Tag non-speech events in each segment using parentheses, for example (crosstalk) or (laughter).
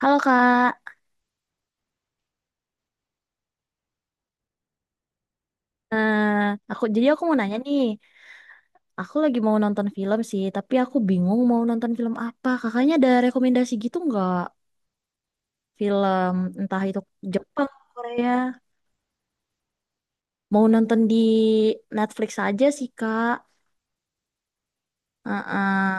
Halo Kak. Eh, aku jadi aku mau nanya nih. Aku lagi mau nonton film sih, tapi aku bingung mau nonton film apa. Kakaknya ada rekomendasi gitu nggak? Film entah itu Jepang, Korea. Mau nonton di Netflix aja sih Kak. Heeh.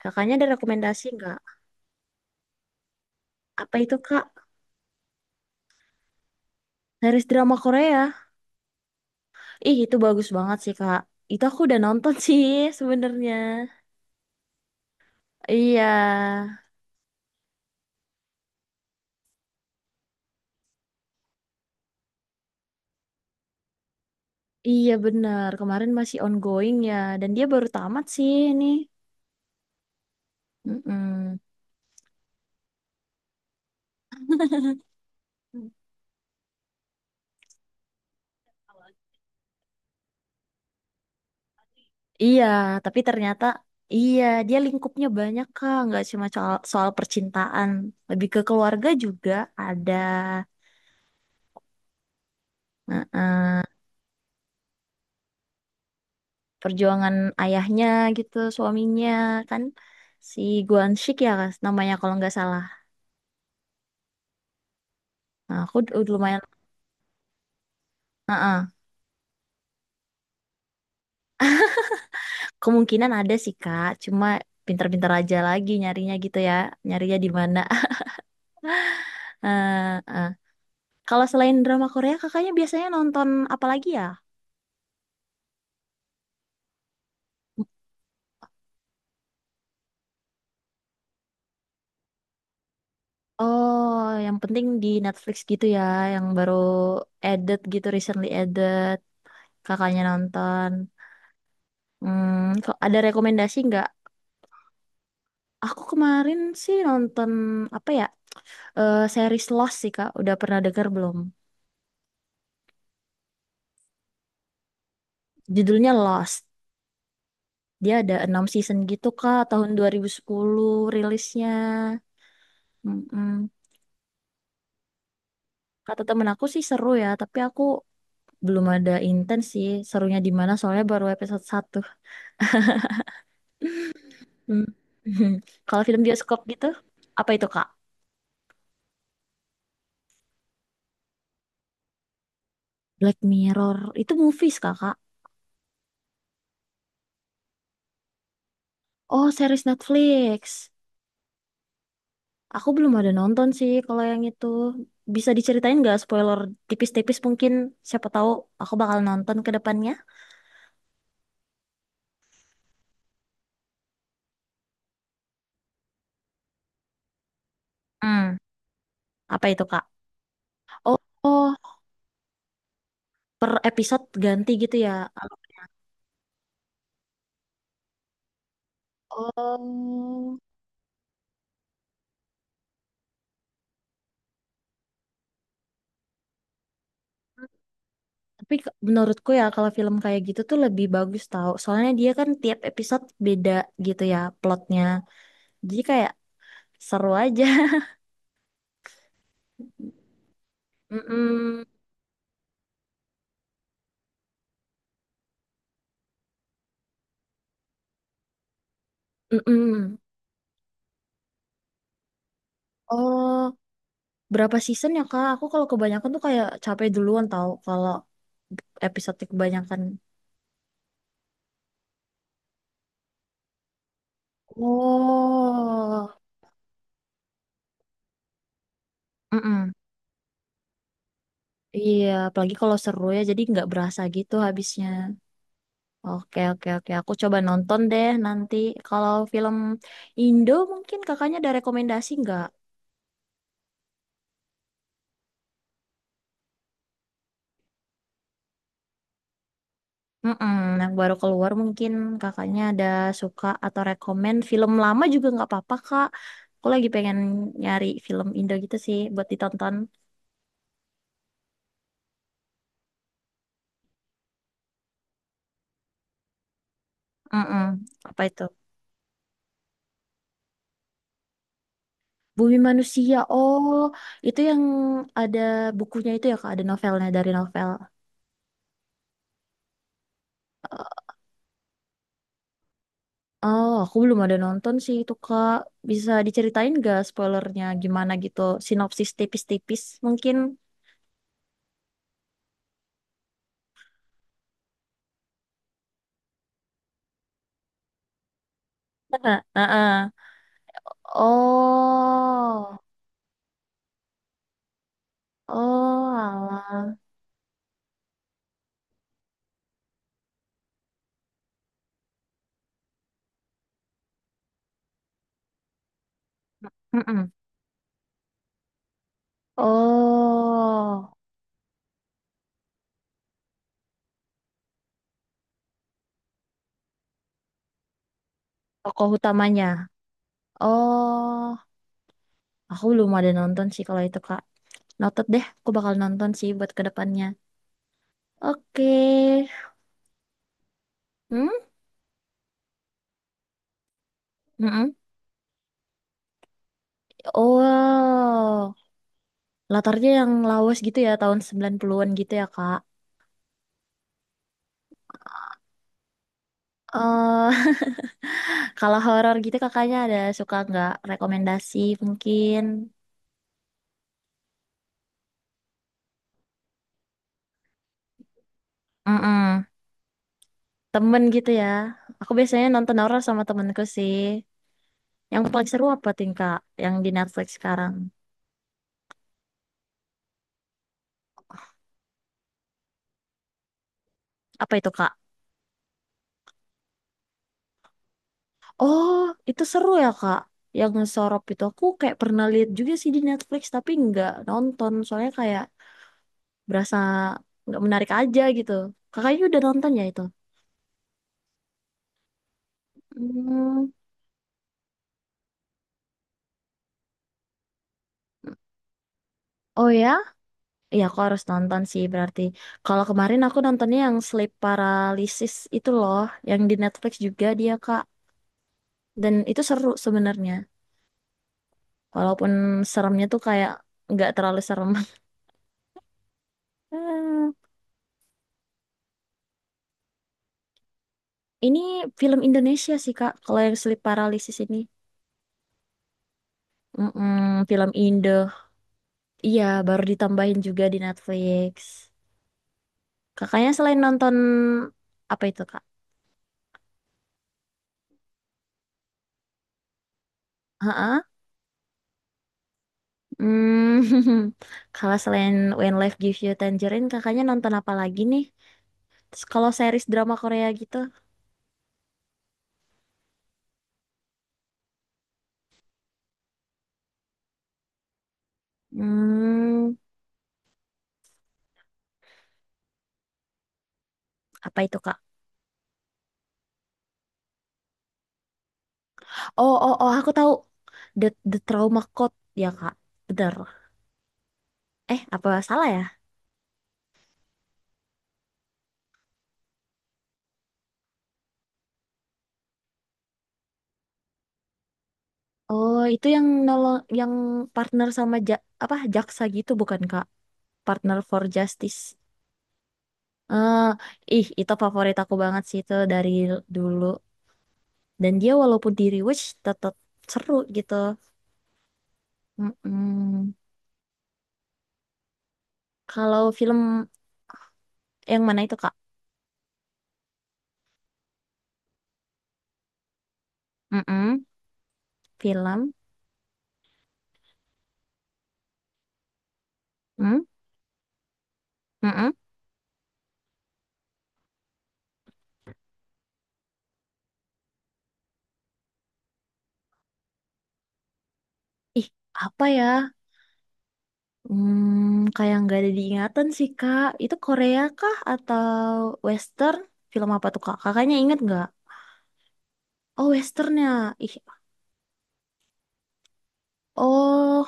Kakaknya ada rekomendasi nggak? Apa itu Kak? Series drama Korea. Ih, itu bagus banget sih Kak. Itu aku udah nonton (laughs) sih sebenarnya. Iya. Iya benar, kemarin masih ongoing ya, dan dia baru tamat sih ini. Mm-mm. Iya, tapi ternyata iya dia lingkupnya banyak kak, nggak cuma soal percintaan, lebih ke keluarga juga ada. Heeh, perjuangan ayahnya gitu, suaminya kan si Guan Shik ya Kak, namanya kalau nggak salah. Nah, lumayan. Heeh, kemungkinan ada sih kak, cuma pintar-pintar aja lagi nyarinya gitu ya, nyarinya di mana. (laughs) Heeh. Kalau selain drama Korea, kakaknya biasanya nonton apa lagi ya? Oh, yang penting di Netflix gitu ya, yang baru added gitu, recently added. Kakaknya nonton. Hmm, kok ada rekomendasi nggak? Aku kemarin sih nonton apa ya? Series Lost sih Kak, udah pernah denger belum? Judulnya Lost. Dia ada 6 season gitu Kak, tahun 2010 rilisnya. Mm-mm. Kata temen aku sih seru ya, tapi aku belum ada intens sih serunya di mana soalnya baru episode 1. Hmm. (laughs) Kalau film bioskop gitu apa itu kak? Black Mirror itu movies kakak? Oh series Netflix, aku belum ada nonton sih kalau yang itu. Bisa diceritain nggak spoiler tipis-tipis mungkin, siapa tahu aku bakal nonton ke depannya. Hmm. Apa itu kak? Oh, oh, per episode ganti gitu ya. Oh. Tapi menurutku ya kalau film kayak gitu tuh lebih bagus tau. Soalnya dia kan tiap episode beda gitu ya plotnya. Jadi kayak seru aja. (laughs) Mm-mm. Mm-mm. Oh, berapa season ya Kak? Aku kalau kebanyakan tuh kayak capek duluan tau kalau episode kebanyakan. Oh. Mm-mm. Iya, apalagi kalau seru ya jadi nggak berasa gitu habisnya. Oke, oke, oke. Aku coba nonton deh nanti. Kalau film Indo mungkin kakaknya ada rekomendasi nggak? Mm-mm, yang baru keluar mungkin kakaknya ada suka atau rekomen film lama juga nggak apa-apa kak. Aku lagi pengen nyari film Indo gitu sih buat ditonton. Mm-mm. Apa itu? Bumi Manusia. Oh, itu yang ada bukunya itu ya kak, ada novelnya dari novel. Oh, aku belum ada nonton sih itu kak. Bisa diceritain gak spoilernya gimana gitu? Sinopsis tipis-tipis mungkin. (laughs) Heeh. Oh, oh, alah. Mm-mm. Oh, tokoh utamanya. Oh, aku belum ada nonton sih kalau itu, Kak. Noted deh, aku bakal nonton sih buat kedepannya. Oke. Hmm? Mm-mm. Wow. Latarnya yang lawas gitu ya, tahun 90-an gitu ya, Kak. Eh, (laughs) kalau horor gitu kakaknya ada suka nggak rekomendasi mungkin. Mm-mm. Temen gitu ya. Aku biasanya nonton horor sama temenku sih. Yang paling seru apa tingkah yang di Netflix sekarang? Apa itu, Kak? Oh, itu seru ya, Kak. Yang Sorop itu aku kayak pernah lihat juga sih di Netflix, tapi nggak nonton. Soalnya kayak berasa nggak menarik aja gitu. Kakaknya udah nonton ya itu? Hmm. Oh ya? Iya, aku harus nonton sih berarti. Kalau kemarin aku nontonnya yang Sleep Paralysis itu loh, yang di Netflix juga dia, Kak. Dan itu seru sebenarnya. Walaupun seremnya tuh kayak nggak terlalu serem. (laughs) Hmm. Ini film Indonesia sih Kak, kalau yang sleep paralysis ini. Mm-mm, film Indo. Iya, baru ditambahin juga di Netflix. Kakaknya selain nonton apa itu, Kak? Heeh. Hmm. (laughs) Kalau selain When Life Gives You Tangerine, kakaknya nonton apa lagi nih? Terus kalau series drama Korea gitu. Hmm, apa itu, Kak? Oh, oh, oh, aku tahu. The The Trauma Code ya, Kak. Benar. Eh, apa salah ya? Oh, itu yang nolong yang partner sama apa jaksa gitu bukan, Kak? Partner for Justice. Eh, ih, itu favorit aku banget sih itu dari dulu. Dan dia walaupun di rewatch tetap seru gitu. Mm-mm. Kalau film yang mana itu, Kak? Mm-mm. Film. Mm? Mm-mm. Ih, apa ya? Hmm, kayak nggak ada diingatan sih, Kak. Itu Korea kah atau Western? Film apa tuh, Kak? Kakaknya inget nggak? Oh, Westernnya. Ih, oh,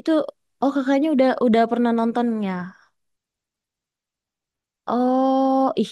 itu. Oh, kakaknya udah pernah nonton ya? Oh, ih,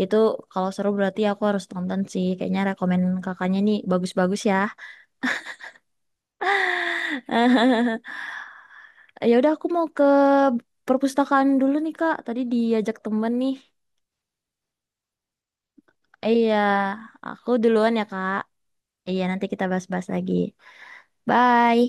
itu kalau seru berarti aku harus tonton sih. Kayaknya rekomen kakaknya nih bagus-bagus ya. (laughs) Ya udah aku mau ke perpustakaan dulu nih Kak. Tadi diajak temen nih. Iya, aku duluan ya Kak. Iya, nanti kita bahas-bahas lagi. Bye.